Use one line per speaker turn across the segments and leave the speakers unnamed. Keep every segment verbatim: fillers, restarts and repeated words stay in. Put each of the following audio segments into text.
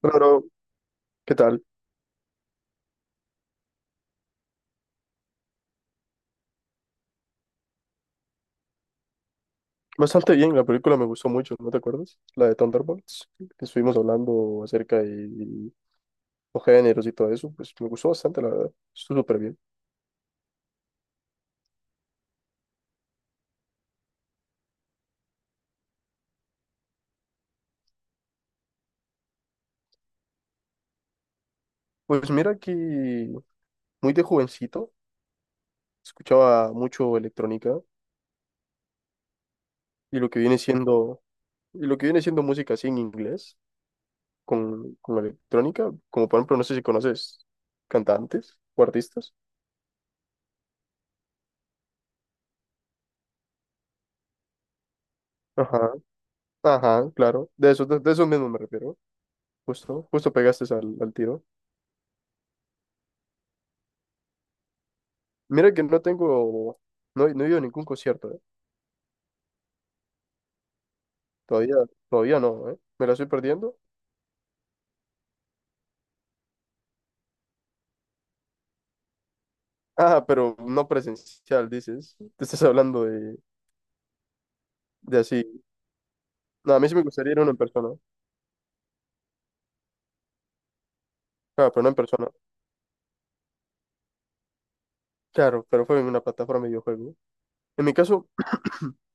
Claro, ¿qué tal? Bastante bien, la película me gustó mucho, ¿no te acuerdas? La de Thunderbolts, que estuvimos hablando acerca de los géneros y todo eso, pues me gustó bastante, la verdad, estuvo súper bien. Pues mira que muy de jovencito, escuchaba mucho electrónica y lo que viene siendo, y lo que viene siendo música así en inglés, con, con electrónica, como por ejemplo, no sé si conoces cantantes o artistas. Ajá, ajá, claro, de eso, de, de eso mismo me refiero, justo, justo pegaste al al tiro. Mira que no tengo, no, he- No he ido a ningún concierto, ¿eh? Todavía, todavía no, ¿eh? Me la estoy perdiendo. Ah, pero no presencial, dices. Te estás hablando de, de así. No, a mí sí me gustaría ir a uno en persona. Ah, pero no en persona. Claro, pero fue en una plataforma de videojuego. En mi caso,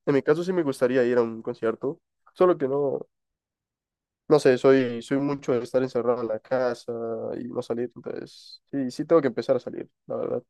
en mi caso sí me gustaría ir a un concierto. Solo que no, no sé, soy, soy mucho de estar encerrado en la casa y no salir. Entonces, sí, sí tengo que empezar a salir, la verdad.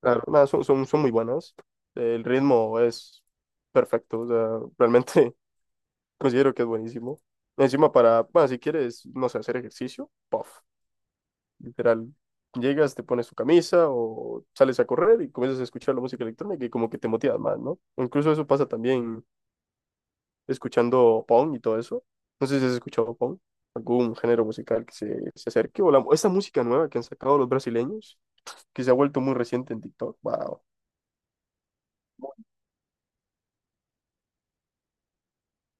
Claro, nada, son, son, son muy buenas. El ritmo es perfecto, o sea, realmente considero que es buenísimo. Encima para, bueno, si quieres, no sé, hacer ejercicio, puff, literal. Llegas, te pones tu camisa o sales a correr y comienzas a escuchar la música electrónica y como que te motivas más, ¿no? Incluso eso pasa también escuchando Pong y todo eso. No sé si has escuchado Pong, algún género musical que se, se acerque o la, esta música nueva que han sacado los brasileños, que se ha vuelto muy reciente en TikTok, wow.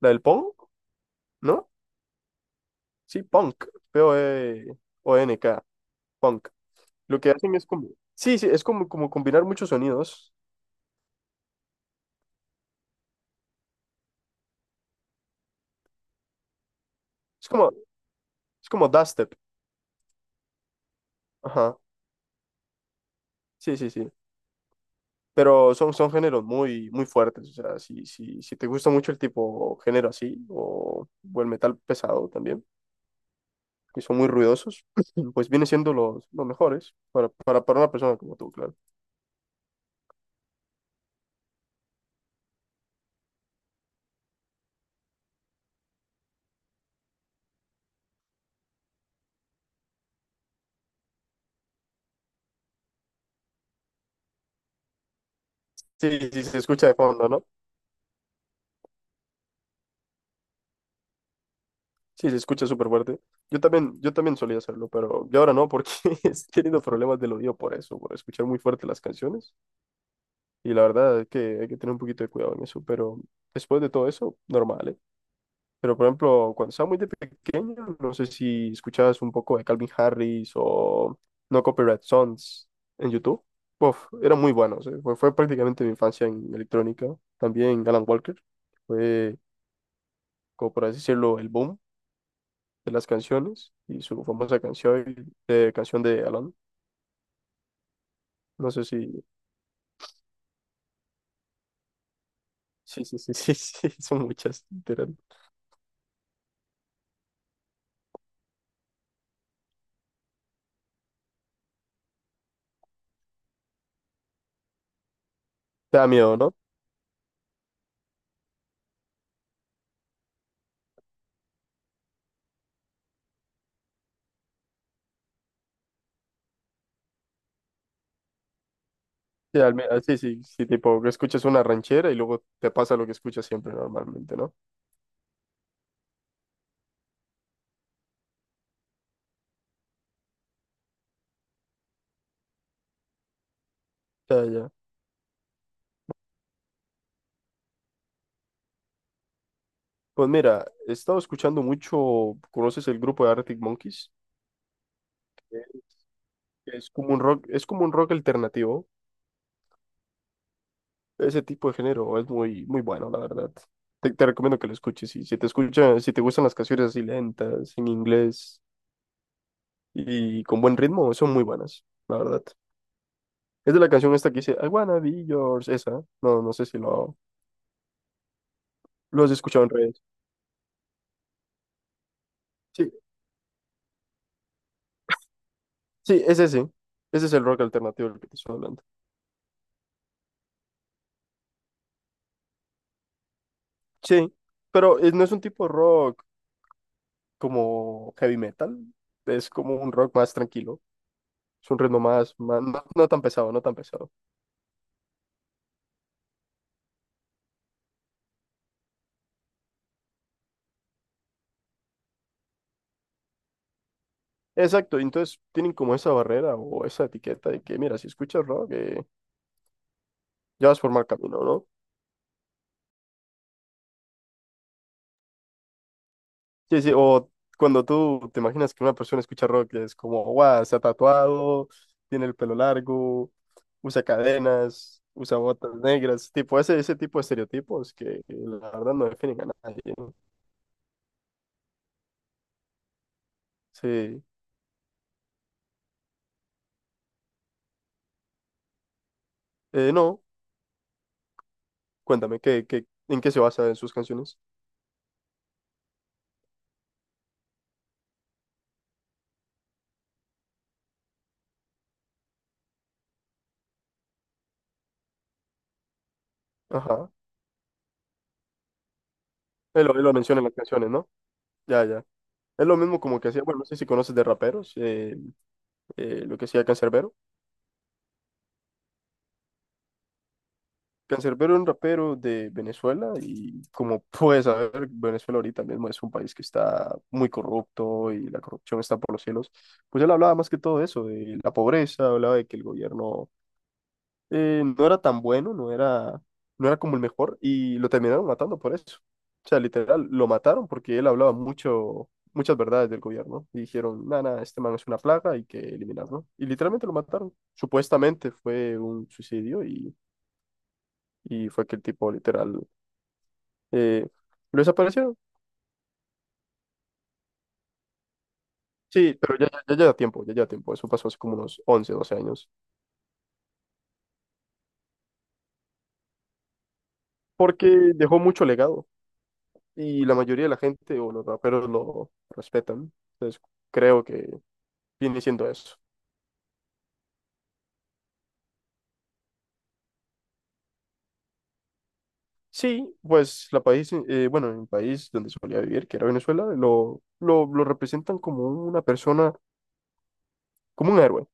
La del Pong, ¿no? Sí, punk, P O N K, punk. Lo que hacen es como, sí, sí, es como, como combinar muchos sonidos. Es como, es como dubstep, ajá, sí, sí, sí. Pero son, son géneros muy, muy fuertes, o sea, si, si, si te gusta mucho el tipo género así, o, o el metal pesado también, que son muy ruidosos, pues viene siendo los, los mejores para, para, para una persona como tú, claro. Sí, sí, se escucha de fondo, ¿no? Sí, se escucha súper fuerte. Yo también, yo también solía hacerlo, pero yo ahora no, porque he tenido problemas del oído por eso, por escuchar muy fuerte las canciones. Y la verdad es que hay que tener un poquito de cuidado en eso, pero después de todo eso, normal, ¿eh? Pero por ejemplo, cuando estaba muy de pequeño, no sé si escuchabas un poco de Calvin Harris o No Copyright Songs en YouTube. Uf, eran muy buenos, ¿eh? Fue, fue prácticamente mi infancia en electrónica. También Alan Walker, fue, como por así decirlo, el boom de las canciones y su famosa canción, eh, canción de Alan. No sé si, sí, sí, sí, sí, sí, son muchas, literal. Te da miedo, ¿no? Sí, al me- ah, sí, sí, sí, tipo, que escuchas una ranchera y luego te pasa lo que escuchas siempre normalmente, ¿no? Ya, ya. Pues mira, he estado escuchando mucho, ¿conoces el grupo de Arctic Monkeys? Eh, Es como un rock, es como un rock alternativo. Ese tipo de género es muy, muy bueno, la verdad. Te, te recomiendo que lo escuches. Y si te escucha, si te gustan las canciones así lentas, en inglés, y con buen ritmo, son muy buenas, la verdad. Es de la canción esta que dice, I wanna be yours, esa. No no sé si lo, lo has escuchado en redes. Sí, sí, es ese. Ese es el rock alternativo del que te estoy hablando. Sí, pero eh, no es un tipo de rock como heavy metal, es como un rock más tranquilo. Es un ritmo más, más- no, no tan pesado, no tan pesado. Exacto, y entonces tienen como esa barrera o esa etiqueta de que, mira, si escuchas rock, eh, ya vas por mal camino, ¿no? Sí, sí, o cuando tú te imaginas que una persona escucha rock, es como, guau, se ha tatuado, tiene el pelo largo, usa cadenas, usa botas negras, tipo, ese, ese tipo de estereotipos que la verdad no definen a nadie, ¿no? Sí. Eh, no, cuéntame, ¿qué, qué, en qué se basa en sus canciones? Ajá, él, lo- él lo menciona en las canciones, ¿no? Ya, ya. Es lo mismo como que hacía, bueno, no sé si conoces de raperos, eh, eh, lo que hacía Canserbero. Canserbero es un rapero de Venezuela y como puedes saber, Venezuela ahorita mismo es un país que está muy corrupto y la corrupción está por los cielos. Pues él hablaba más que todo eso, de la pobreza, hablaba de que el gobierno eh, no era tan bueno, no era, no era como el mejor y lo terminaron matando por eso. O sea, literal, lo mataron porque él hablaba mucho, muchas verdades del gobierno y dijeron, nada, nada, este man es una plaga, hay que eliminarlo. Y literalmente lo mataron. Supuestamente fue un suicidio y... Y fue que el tipo literal eh, ¿lo desaparecieron? Sí, pero ya, ya, ya lleva tiempo, ya lleva tiempo. Eso pasó hace como unos once doce años. Porque dejó mucho legado y la mayoría de la gente o los raperos lo respetan. Entonces, creo que viene siendo eso. Sí, pues la país, eh, bueno, en el país donde solía vivir, que era Venezuela, lo, lo, lo representan como una persona, como un héroe.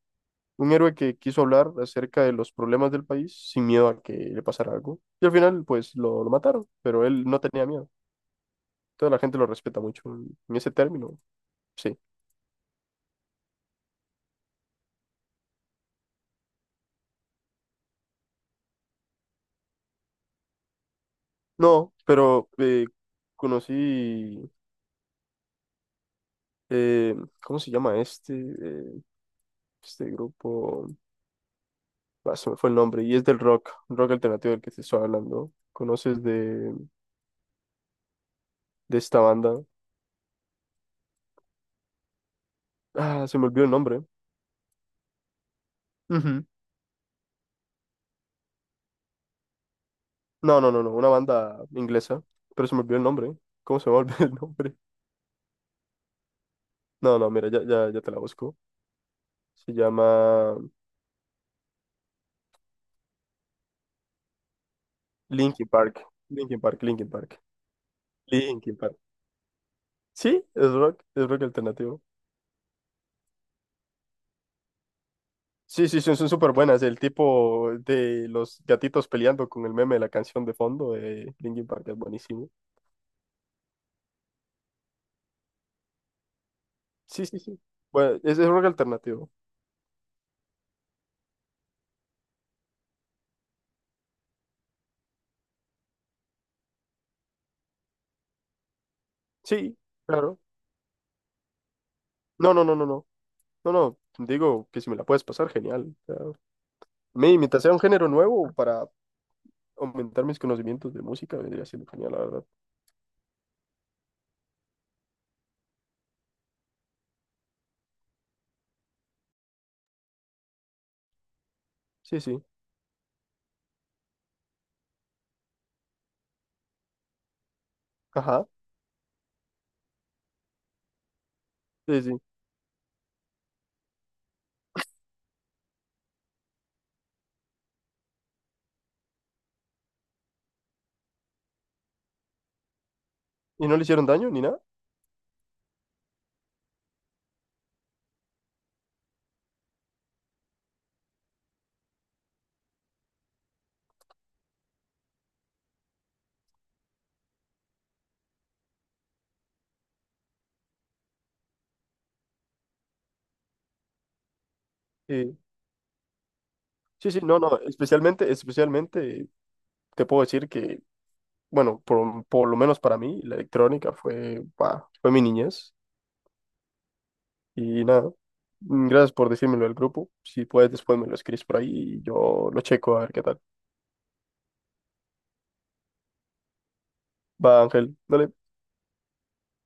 Un héroe que quiso hablar acerca de los problemas del país sin miedo a que le pasara algo. Y al final, pues lo, lo mataron, pero él no tenía miedo. Toda la gente lo respeta mucho en en ese término, sí. No, pero eh, conocí, eh, ¿cómo se llama este? eh, este grupo, ah, se me fue el nombre, y es del rock, rock alternativo del que te estoy hablando. ¿Conoces de, de esta banda? Ah, se me olvidó el nombre. Ujú. No, no, no, no, una banda inglesa, pero se me olvidó el nombre. ¿Cómo se me olvidó el nombre? No, no, mira, ya, ya, ya te la busco. Se llama Linkin Park, Linkin Park, Linkin Park. Linkin Park. Sí, es rock, es rock alternativo. Sí, sí, son, son súper buenas. El tipo de los gatitos peleando con el meme de la canción de fondo de Linkin Park es buenísimo. Sí, sí, sí. Bueno, es, es rock alternativo. Sí, claro. No, no, no, no, no. No, no. Digo que si me la puedes pasar, genial. Claro. Mi imitación a un género nuevo para aumentar mis conocimientos de música vendría siendo genial, la verdad. Sí, sí. Ajá. Sí, sí. ¿Y no le hicieron daño ni nada? Sí, sí, sí. No, no. Especialmente, especialmente te puedo decir que bueno, por, por lo menos para mí, la electrónica fue, bah, fue mi niñez. Y nada, mm, gracias por decírmelo del grupo. Si puedes, después me lo escribes por ahí y yo lo checo a ver qué tal. Va, Ángel, dale.